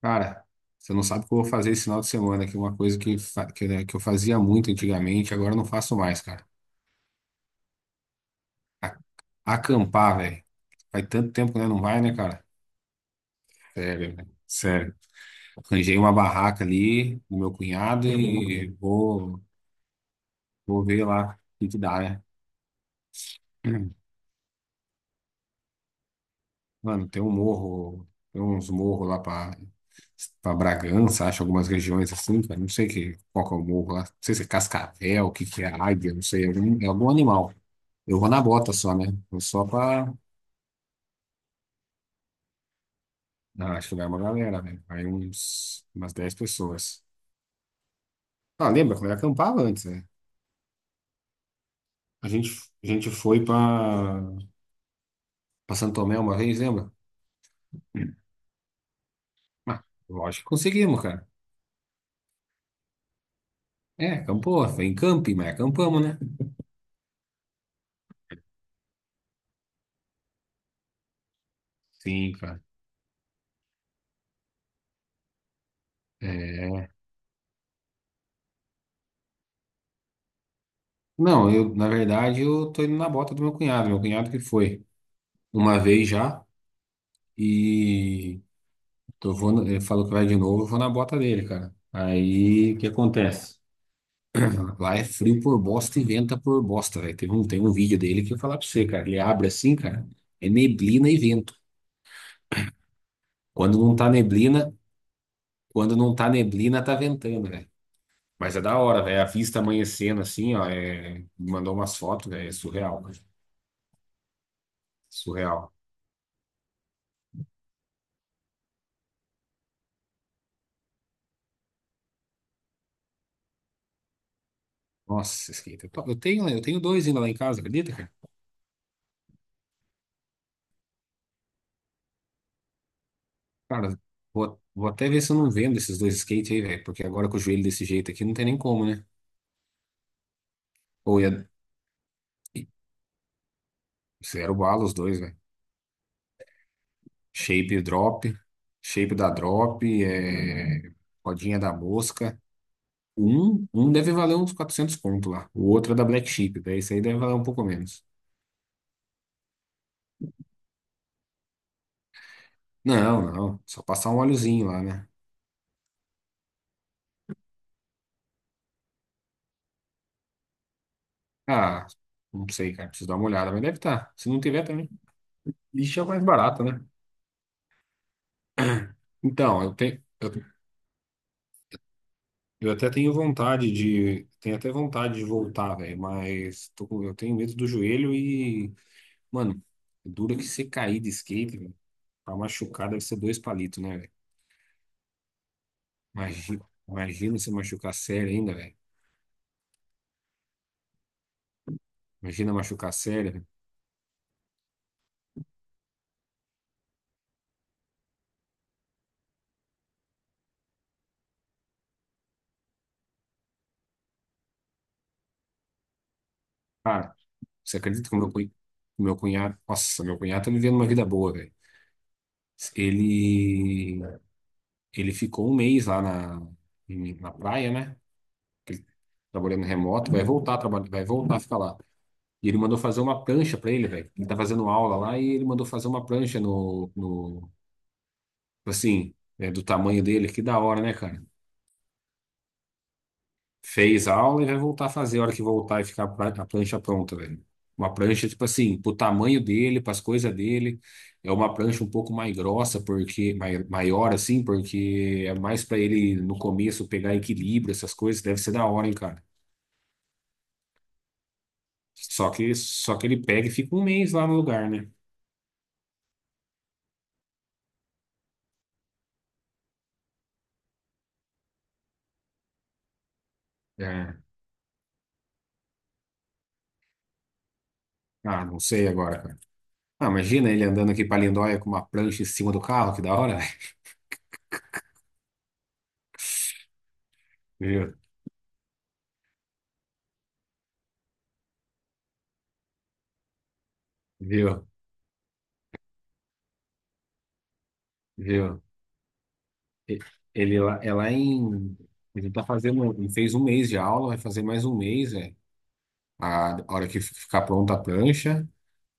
Cara, você não sabe o que eu vou fazer esse final de semana, que é uma coisa que, né, que eu fazia muito antigamente, agora eu não faço mais, cara. A- Acampar, velho. Faz tanto tempo, né? Não vai, né, cara? Sério, velho. Sério. Arranjei uma barraca ali com meu cunhado e vou ver lá o que que dá, né? Mano, tem uns morros pra Bragança, acho, algumas regiões assim, cara. Não sei qual que é o morro lá. Não sei se é Cascavel, o que que é Águia, não sei. É é algum animal. Eu vou na bota só, né? Vou só pra. Ah, acho que vai uma galera, velho. Vai uns, umas 10 pessoas. Ah, lembra quando eu acampava antes, né? A gente, a gente foi pra Santo Tomé uma vez, lembra? Hum. Ah, lógico que conseguimos, cara. É, acampou, foi em camping, mas acampamos, né? Sim, cara. É. Não, eu, na verdade, eu tô indo na bota do meu cunhado. Meu cunhado que foi uma vez já e ele falou que vai de novo, eu vou na bota dele, cara. Aí, o que acontece? Vai frio por bosta e venta por bosta, velho. Tem um vídeo dele que eu vou falar pra você, cara. Ele abre assim, cara. É neblina e vento. Quando não tá neblina, quando não tá neblina, tá ventando, velho. Mas é da hora, velho. A vista amanhecendo assim, ó. Mandou umas fotos, velho. É surreal, cara. Surreal. Nossa, skate. Eu tenho dois ainda lá em casa, acredita, cara? Cara, vou até ver se eu não vendo esses dois skates aí, velho. Porque agora com o joelho desse jeito aqui, não tem nem como, né? Ou ia. Zero bala os dois, velho. Shape Drop, Shape da Drop, é, Rodinha da Mosca. Um deve valer uns 400 conto lá. O outro é da Black Sheep, daí esse aí deve valer um pouco menos. Não, não, só passar um óleozinho lá, né? Ah, não sei, cara, preciso dar uma olhada, mas deve estar. Se não tiver também, lixo é o mais barato, né? Então, eu até tenho vontade tenho até vontade de voltar, velho, mas eu tenho medo do joelho e, mano, dura que você cair de skate, velho. Pra machucar deve ser dois palitos, né, velho? Imagina, imagina se machucar sério ainda, velho. Imagina machucar sério, velho. Cara, você acredita que o meu cunhado. Nossa, meu cunhado tá vivendo uma vida boa, velho. Ele, ele ficou um mês na praia, né? Ele trabalhando remoto, vai voltar a trabalhar, vai voltar a ficar lá. E ele mandou fazer uma prancha pra ele, velho. Ele tá fazendo aula lá e ele mandou fazer uma prancha no assim, é, do tamanho dele. Que da hora, né, cara? Fez a aula e vai voltar a fazer a hora que voltar e ficar a a prancha pronta, velho. Uma prancha, tipo assim, pro tamanho dele, pras coisas dele. É uma prancha um pouco mais grossa, porque maior, assim, porque é mais pra ele, no começo, pegar equilíbrio, essas coisas. Deve ser da hora, hein, cara. Só que ele pega e fica um mês lá no lugar, né? É. Ah, não sei agora, cara. Ah, imagina ele andando aqui pra Lindóia com uma prancha em cima do carro, que da hora, velho. Viu? Viu? Viu? E- Ele lá, é lá em. Ele tá fazendo. Ele fez um mês de aula, vai fazer mais um mês, é. A hora que ficar pronta a prancha.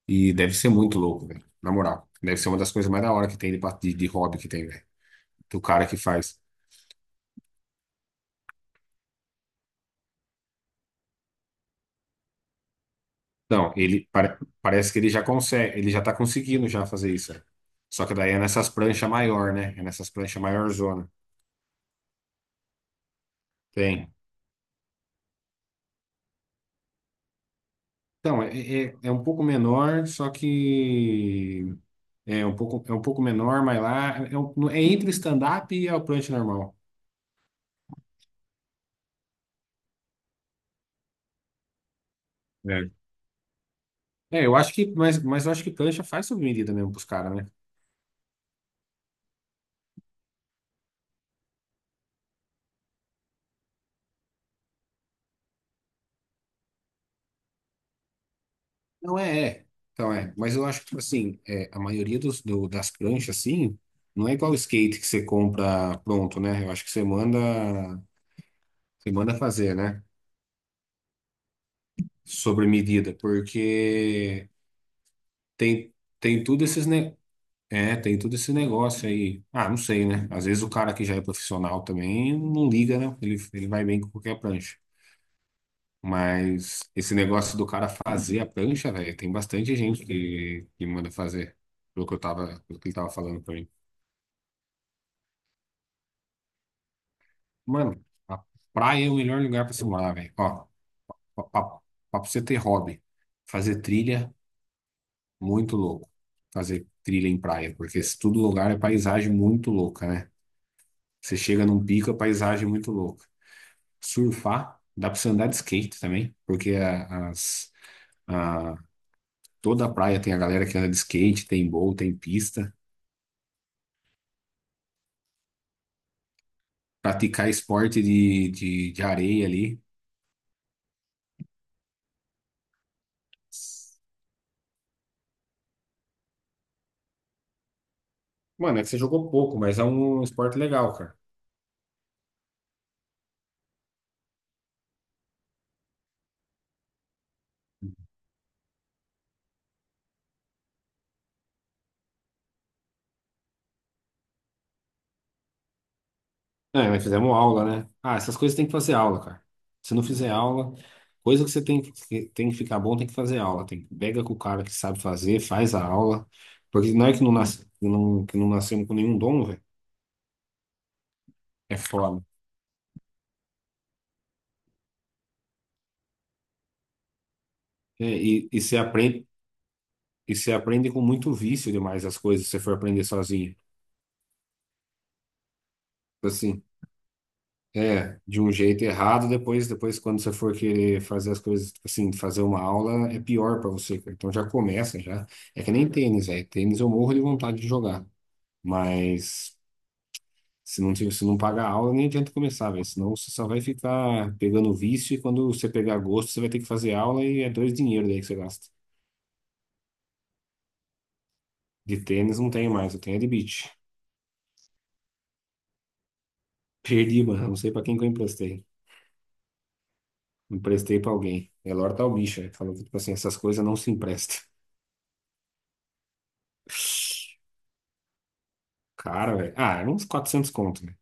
E deve ser muito louco, velho. Na moral. Deve ser uma das coisas mais da hora que tem de hobby que tem, velho. Do cara que faz. Não, ele parece que ele já consegue, ele já tá conseguindo já fazer isso, velho. Só que daí é nessas pranchas maior, né? É nessas pranchas maior zona. Tem. Então, é um pouco menor, só que é um pouco menor, mas lá é, é entre stand-up e a prancha normal. É. É, eu acho que, mas eu acho que prancha faz sob medida mesmo pros caras, né? Não é, é. Então é, mas eu acho que, tipo assim, é, a maioria das pranchas, assim, não é igual o skate que você compra pronto, né? Eu acho que você manda fazer, né? Sobre medida, porque tem, tem tudo esses, né? É, tem todo esse negócio aí. Ah, não sei, né? Às vezes o cara que já é profissional também não liga, né? Ele vai bem com qualquer prancha. Mas esse negócio do cara fazer a prancha, velho, tem bastante gente que manda fazer, pelo que ele tava falando pra mim. Mano, a praia é o melhor lugar pra se morar, velho. Ó, pra, pra, pra você ter hobby, fazer trilha, muito louco. Fazer trilha em praia, porque se todo lugar é paisagem muito louca, né? Você chega num pico, a paisagem é muito louca. Surfar, dá pra você andar de skate também, porque a- toda a praia tem a galera que anda de skate, tem bowl, tem pista. Praticar esporte de areia ali. Mano, é que você jogou pouco, mas é um esporte legal, cara. É, mas fizemos aula, né? Ah, essas coisas tem que fazer aula, cara. Se não fizer aula, coisa que você tem tem que ficar bom, tem que fazer aula. Pega com o cara que sabe fazer, faz a aula. Porque não é que não nascemos com nenhum dom, velho. É foda. É, e você aprende. E você aprende com muito vício demais as coisas, se você for aprender sozinho. Tipo assim, é, de um jeito errado, depois quando você for querer fazer as coisas, tipo assim, fazer uma aula, é pior pra você, cara. Então já começa, já. É que nem tênis, velho. Tênis eu morro de vontade de jogar, mas se não pagar a aula, nem adianta começar, velho. Senão você só vai ficar pegando vício e quando você pegar gosto, você vai ter que fazer aula e é dois dinheiro daí que você gasta. De tênis não tenho mais, eu tenho é de beach. Perdi, mano, não sei pra quem que eu emprestei. Emprestei pra alguém. Elor tá o bicho, ele falou que, tipo assim, essas coisas não se emprestam. Cara, velho. Ah, era uns 400 conto, né?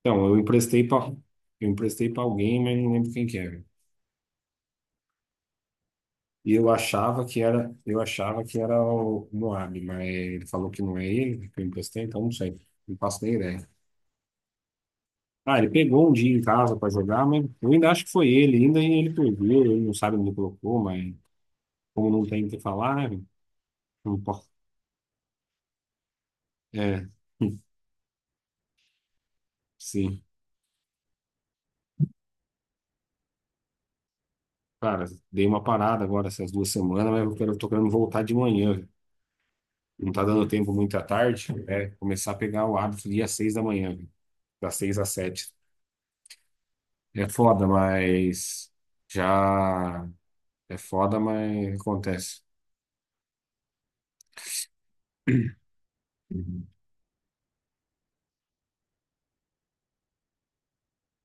Então, eu emprestei pra alguém, mas não lembro quem que era. E eu achava que era o Moab, mas ele falou que não é ele que eu emprestei, então não sei. Não faço nem ideia. Ah, ele pegou um dia em casa pra jogar, mas eu ainda acho que foi ele, ainda ele perdeu, ele não sabe onde colocou, mas como não tem o que falar, né? Não importa. É, sim. Cara, dei uma parada agora essas 2 semanas, mas tô querendo voltar de manhã, viu? Não tá dando tempo muito à tarde, é começar a pegar o hábito dia 6 da manhã, viu? Das 6 às 7. É foda, mas já É foda, mas acontece. Uhum.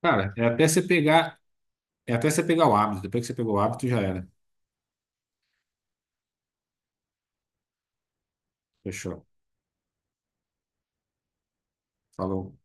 Cara, é até você pegar o hábito. Depois que você pegou o hábito, já era. Fechou. Falou.